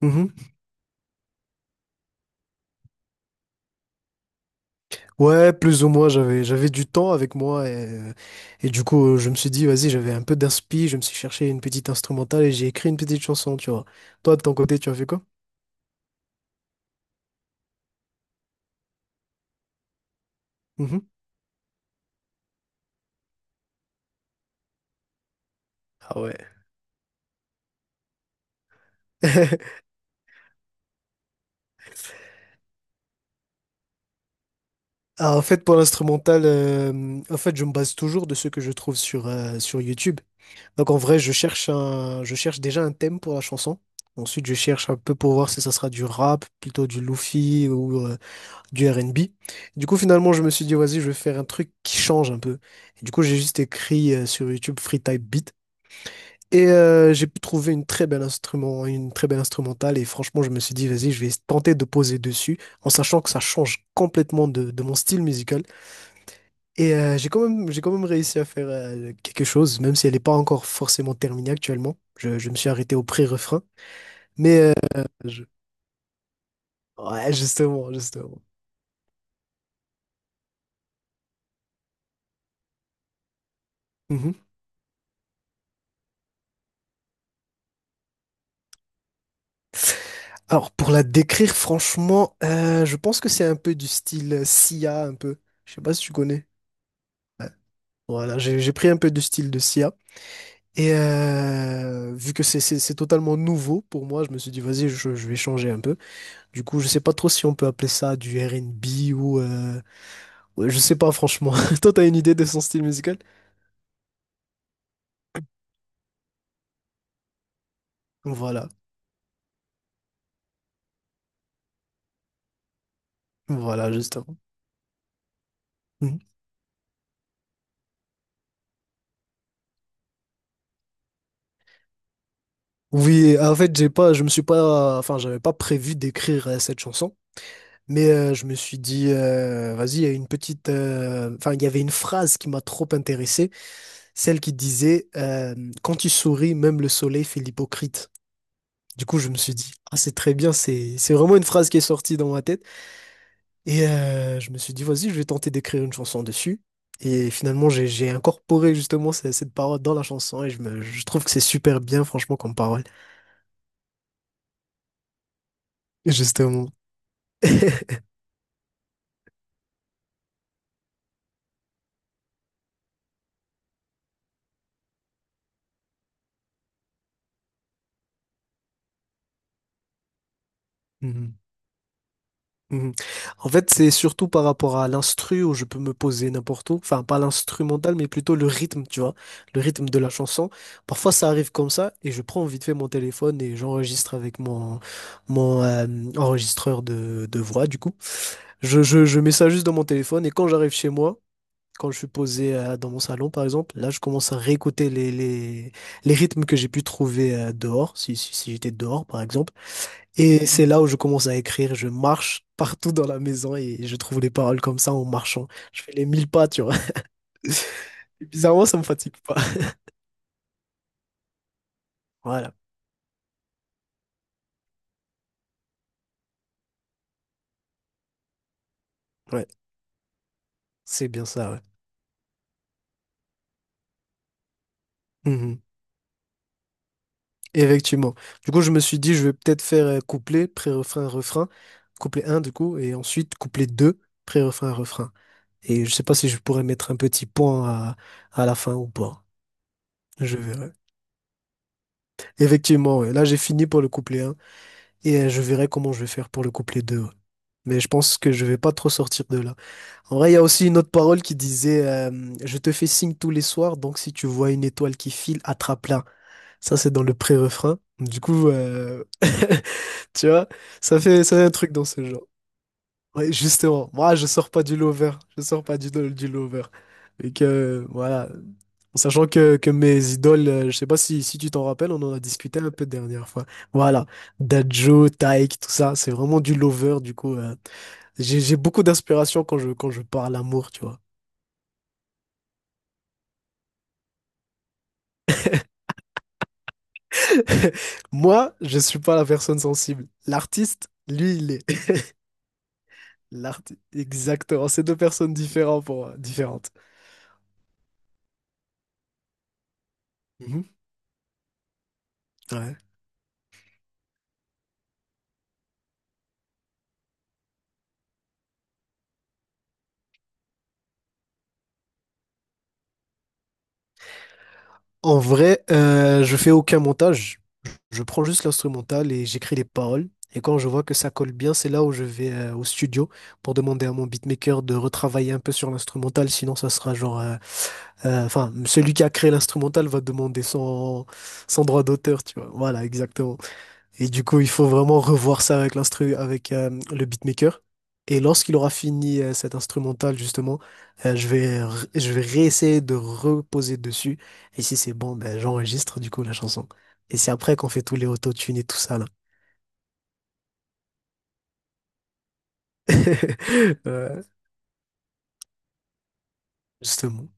Mhm. Ouais, plus ou moins, j'avais du temps avec moi euh, et du coup, je me suis dit, vas-y, j'avais un peu d'inspi, je me suis cherché une petite instrumentale et j'ai écrit une petite chanson, tu vois. Toi, de ton côté, tu as fait quoi? Mhm. Ah ouais. Ah, en fait, pour l'instrumental, en fait, je me base toujours de ce que je trouve sur YouTube. Donc, en vrai, je cherche déjà un thème pour la chanson. Ensuite, je cherche un peu pour voir si ça sera du rap, plutôt du lofi ou, du R&B. Du coup, finalement, je me suis dit, vas-y, je vais faire un truc qui change un peu. Et du coup, j'ai juste écrit sur YouTube Free Type Beat. Et j'ai pu trouver une très belle instrumentale. Et franchement, je me suis dit, vas-y, je vais tenter de poser dessus, en sachant que ça change complètement de mon style musical. Et j'ai quand même réussi à faire quelque chose, même si elle n'est pas encore forcément terminée actuellement. Je me suis arrêté au pré-refrain. Mais euh, je- ouais, justement, justement. Mhm. Alors, pour la décrire, franchement, je pense que c'est un peu du style Sia, un peu. Je sais pas si tu connais. Ouais. Voilà, j'ai pris un peu du style de Sia. Et vu que c'est totalement nouveau pour moi, je me suis dit, vas-y, je vais changer un peu. Du coup, je sais pas trop si on peut appeler ça du R&B ou, ouais, je sais pas, franchement. Toi, t'as une idée de son style musical? Voilà, voilà, justement. Mhm. Oui, en fait, j'ai pas, je me suis pas. Enfin, j'avais pas prévu d'écrire cette chanson. Mais je me suis dit, vas-y, il y a une petite. Enfin, il y avait une phrase qui m'a trop intéressé, celle qui disait quand tu souris, même le soleil fait l'hypocrite. Du coup, je me suis dit, ah, c'est très bien, c'est vraiment une phrase qui est sortie dans ma tête. Et je me suis dit, vas-y, je vais tenter d'écrire une chanson dessus. Et finalement, j'ai incorporé justement cette parole dans la chanson et je trouve que c'est super bien, franchement, comme parole. Justement. Mhm. Mhm. En fait, c'est surtout par rapport à l'instru où je peux me poser n'importe où. Enfin, pas l'instrumental, mais plutôt le rythme, tu vois. Le rythme de la chanson. Parfois, ça arrive comme ça et je prends vite fait mon téléphone et j'enregistre avec mon enregistreur de voix, du coup. Je mets ça juste dans mon téléphone et quand j'arrive chez moi, quand je suis posé dans mon salon, par exemple, là, je commence à réécouter les rythmes que j'ai pu trouver dehors, si j'étais dehors, par exemple. Et c'est là où je commence à écrire. Je marche partout dans la maison et je trouve les paroles comme ça en marchant. Je fais les mille pas, tu vois. Et bizarrement, ça me fatigue pas. Voilà, ouais, c'est bien ça, ouais. Mhm. Effectivement. Du coup, je me suis dit, je vais peut-être faire couplet, pré-refrain, refrain. Couplet un, du coup, et ensuite couplet 2, pré-refrain, refrain. Et je sais pas si je pourrais mettre un petit point à la fin ou pas. Je verrai. Effectivement, ouais. Là, j'ai fini pour le couplet un. Et je verrai comment je vais faire pour le couplet 2. Ouais. Mais je pense que je vais pas trop sortir de là. En vrai, il y a aussi une autre parole qui disait je te fais signe tous les soirs, donc si tu vois une étoile qui file, attrape-la. Ça, c'est dans le pré-refrain. Du coup, tu vois, ça fait un truc dans ce genre. Ouais, justement, moi je sors pas du lover, je sors pas du lover. Et que voilà, en sachant que mes idoles, je sais pas si tu t'en rappelles, on en a discuté un peu dernière fois. Voilà, Dadjo, Taïk, tout ça, c'est vraiment du lover, du coup, j'ai beaucoup d'inspiration quand je parle amour, tu vois. Moi, je suis pas la personne sensible. L'artiste, lui, il est. L'artiste, exactement, c'est deux personnes différentes différentes. Mhm. Ouais. En vrai, je fais aucun montage. Je prends juste l'instrumental et j'écris les paroles. Et quand je vois que ça colle bien, c'est là où je vais au studio pour demander à mon beatmaker de retravailler un peu sur l'instrumental. Sinon, ça sera genre, enfin, celui qui a créé l'instrumental va demander son, son droit d'auteur, tu vois. Voilà, exactement. Et du coup, il faut vraiment revoir ça avec l'instru, avec le beatmaker. Et lorsqu'il aura fini cette instrumental, justement, je vais réessayer de reposer dessus. Et si c'est bon, ben, j'enregistre du coup la chanson. Et c'est après qu'on fait tous les autotunes et tout ça, là. Ouais, justement.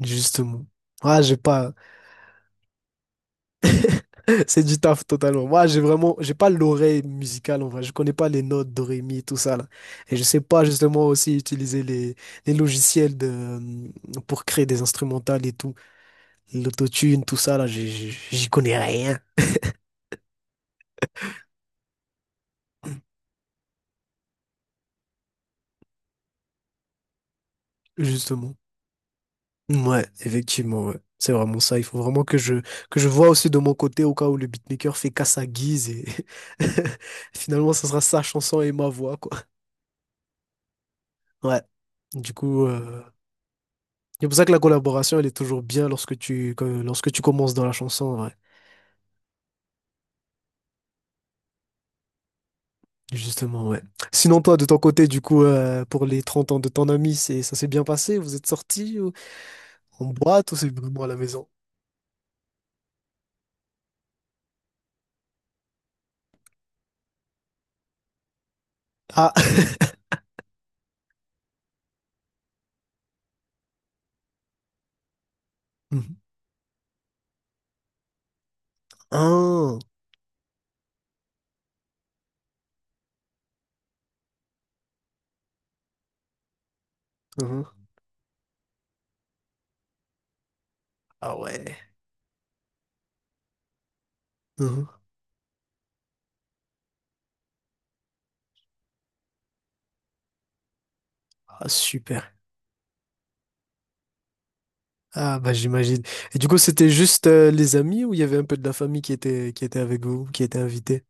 Justement. Ah, j'ai pas. C'est du taf totalement. Moi, j'ai pas l'oreille musicale en vrai. Je connais pas les notes, do, ré, mi, tout ça là. Et je sais pas justement aussi utiliser les logiciels pour créer des instrumentales et tout. L'autotune, tout ça là, j'y connais rien, justement. Ouais, effectivement, ouais. C'est vraiment ça. Il faut vraiment que je vois aussi de mon côté au cas où le beatmaker fait qu'à sa guise et finalement, ça sera sa chanson et ma voix, quoi. Ouais. Du coup, c'est pour ça que la collaboration, elle est toujours bien lorsque tu commences dans la chanson, ouais. Justement, ouais. Sinon, toi, de ton côté, du coup, pour les 30 ans de ton ami, ça s'est bien passé? Vous êtes sortis ou en boîte ou c'est vraiment à la maison? Ah! Mhm. Ah. Mhm. Ah ouais. Mhm. Ah, super. Ah, bah, j'imagine. Et du coup, c'était juste les amis ou il y avait un peu de la famille qui était avec vous, qui était invitée?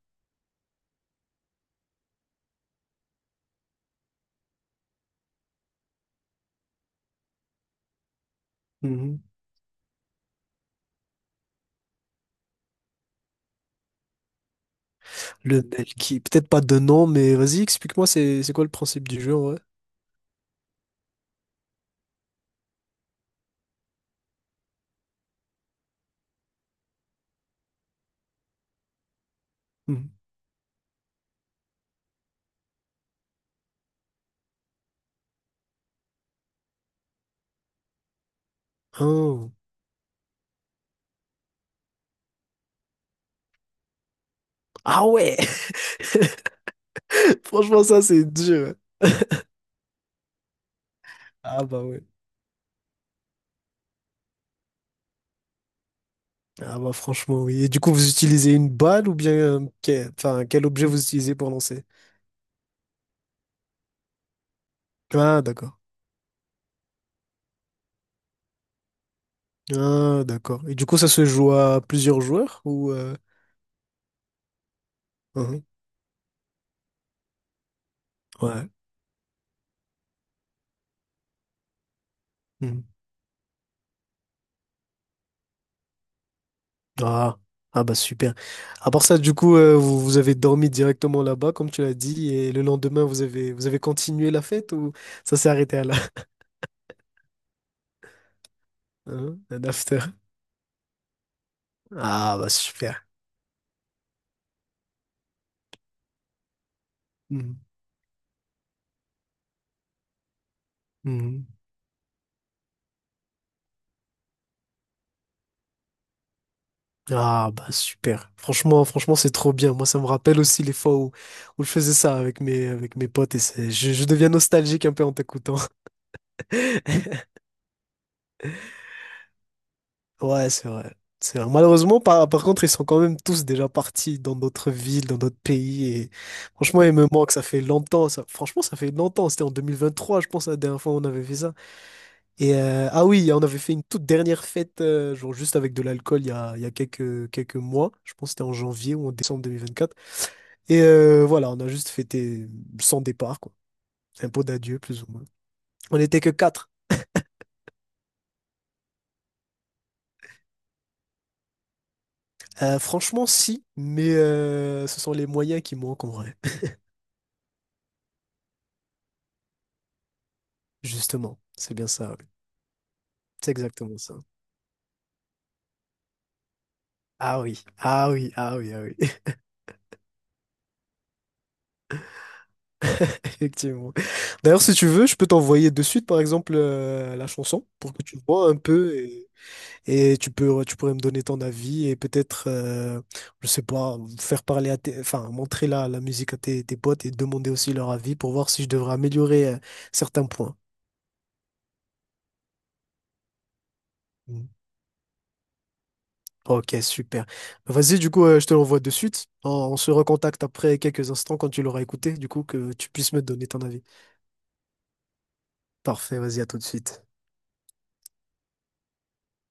Mhm. Le mail qui, peut-être pas de nom, mais vas-y, explique-moi, c'est quoi le principe du jeu, ouais? Mhm. Ah. Ah ouais! Franchement, ça, c'est dur. Ah bah ouais. Ah bah franchement, oui. Et du coup, vous utilisez une balle ou bien enfin, quel objet vous utilisez pour lancer? Ah d'accord. Ah d'accord. Et du coup, ça se joue à plusieurs joueurs ou mhm. Ouais. Mhm. Ah. Ah bah super. À part ça, du coup, vous avez dormi directement là-bas, comme tu l'as dit, et le lendemain, vous avez continué la fête ou ça s'est arrêté à là? Hein, un after. Ah bah super. Mhm. Mhm. Ah bah super. Franchement, franchement, c'est trop bien. Moi, ça me rappelle aussi les fois où je faisais ça avec mes potes et je deviens nostalgique un peu en t'écoutant. Ouais, c'est vrai. C'est vrai. Malheureusement, par contre, ils sont quand même tous déjà partis dans d'autres villes, dans d'autres pays. Et franchement, ils me manquent. Ça fait longtemps. Ça, franchement, ça fait longtemps. C'était en 2023, je pense, la dernière fois où on avait fait ça. Et ah oui, on avait fait une toute dernière fête, genre juste avec de l'alcool, il y a quelques mois. Je pense que c'était en janvier ou en décembre 2024. Et voilà, on a juste fêté son départ, quoi. C'est un pot d'adieu, plus ou moins. On n'était que quatre. Franchement, si, mais ce sont les moyens qui manquent en vrai. Justement, c'est bien ça, oui. C'est exactement ça. Ah oui, ah oui, ah oui, ah oui, effectivement. D'ailleurs, si tu veux, je peux t'envoyer de suite, par exemple, la chanson pour que tu vois un peu. Et tu pourrais me donner ton avis et peut-être, je sais pas, faire parler à enfin, montrer la musique à tes potes et demander aussi leur avis pour voir si je devrais améliorer, certains points. Mm. Ok, super. Vas-y, du coup, je te l'envoie de suite. On se recontacte après quelques instants quand tu l'auras écouté, du coup, que tu puisses me donner ton avis. Parfait, vas-y, à tout de suite.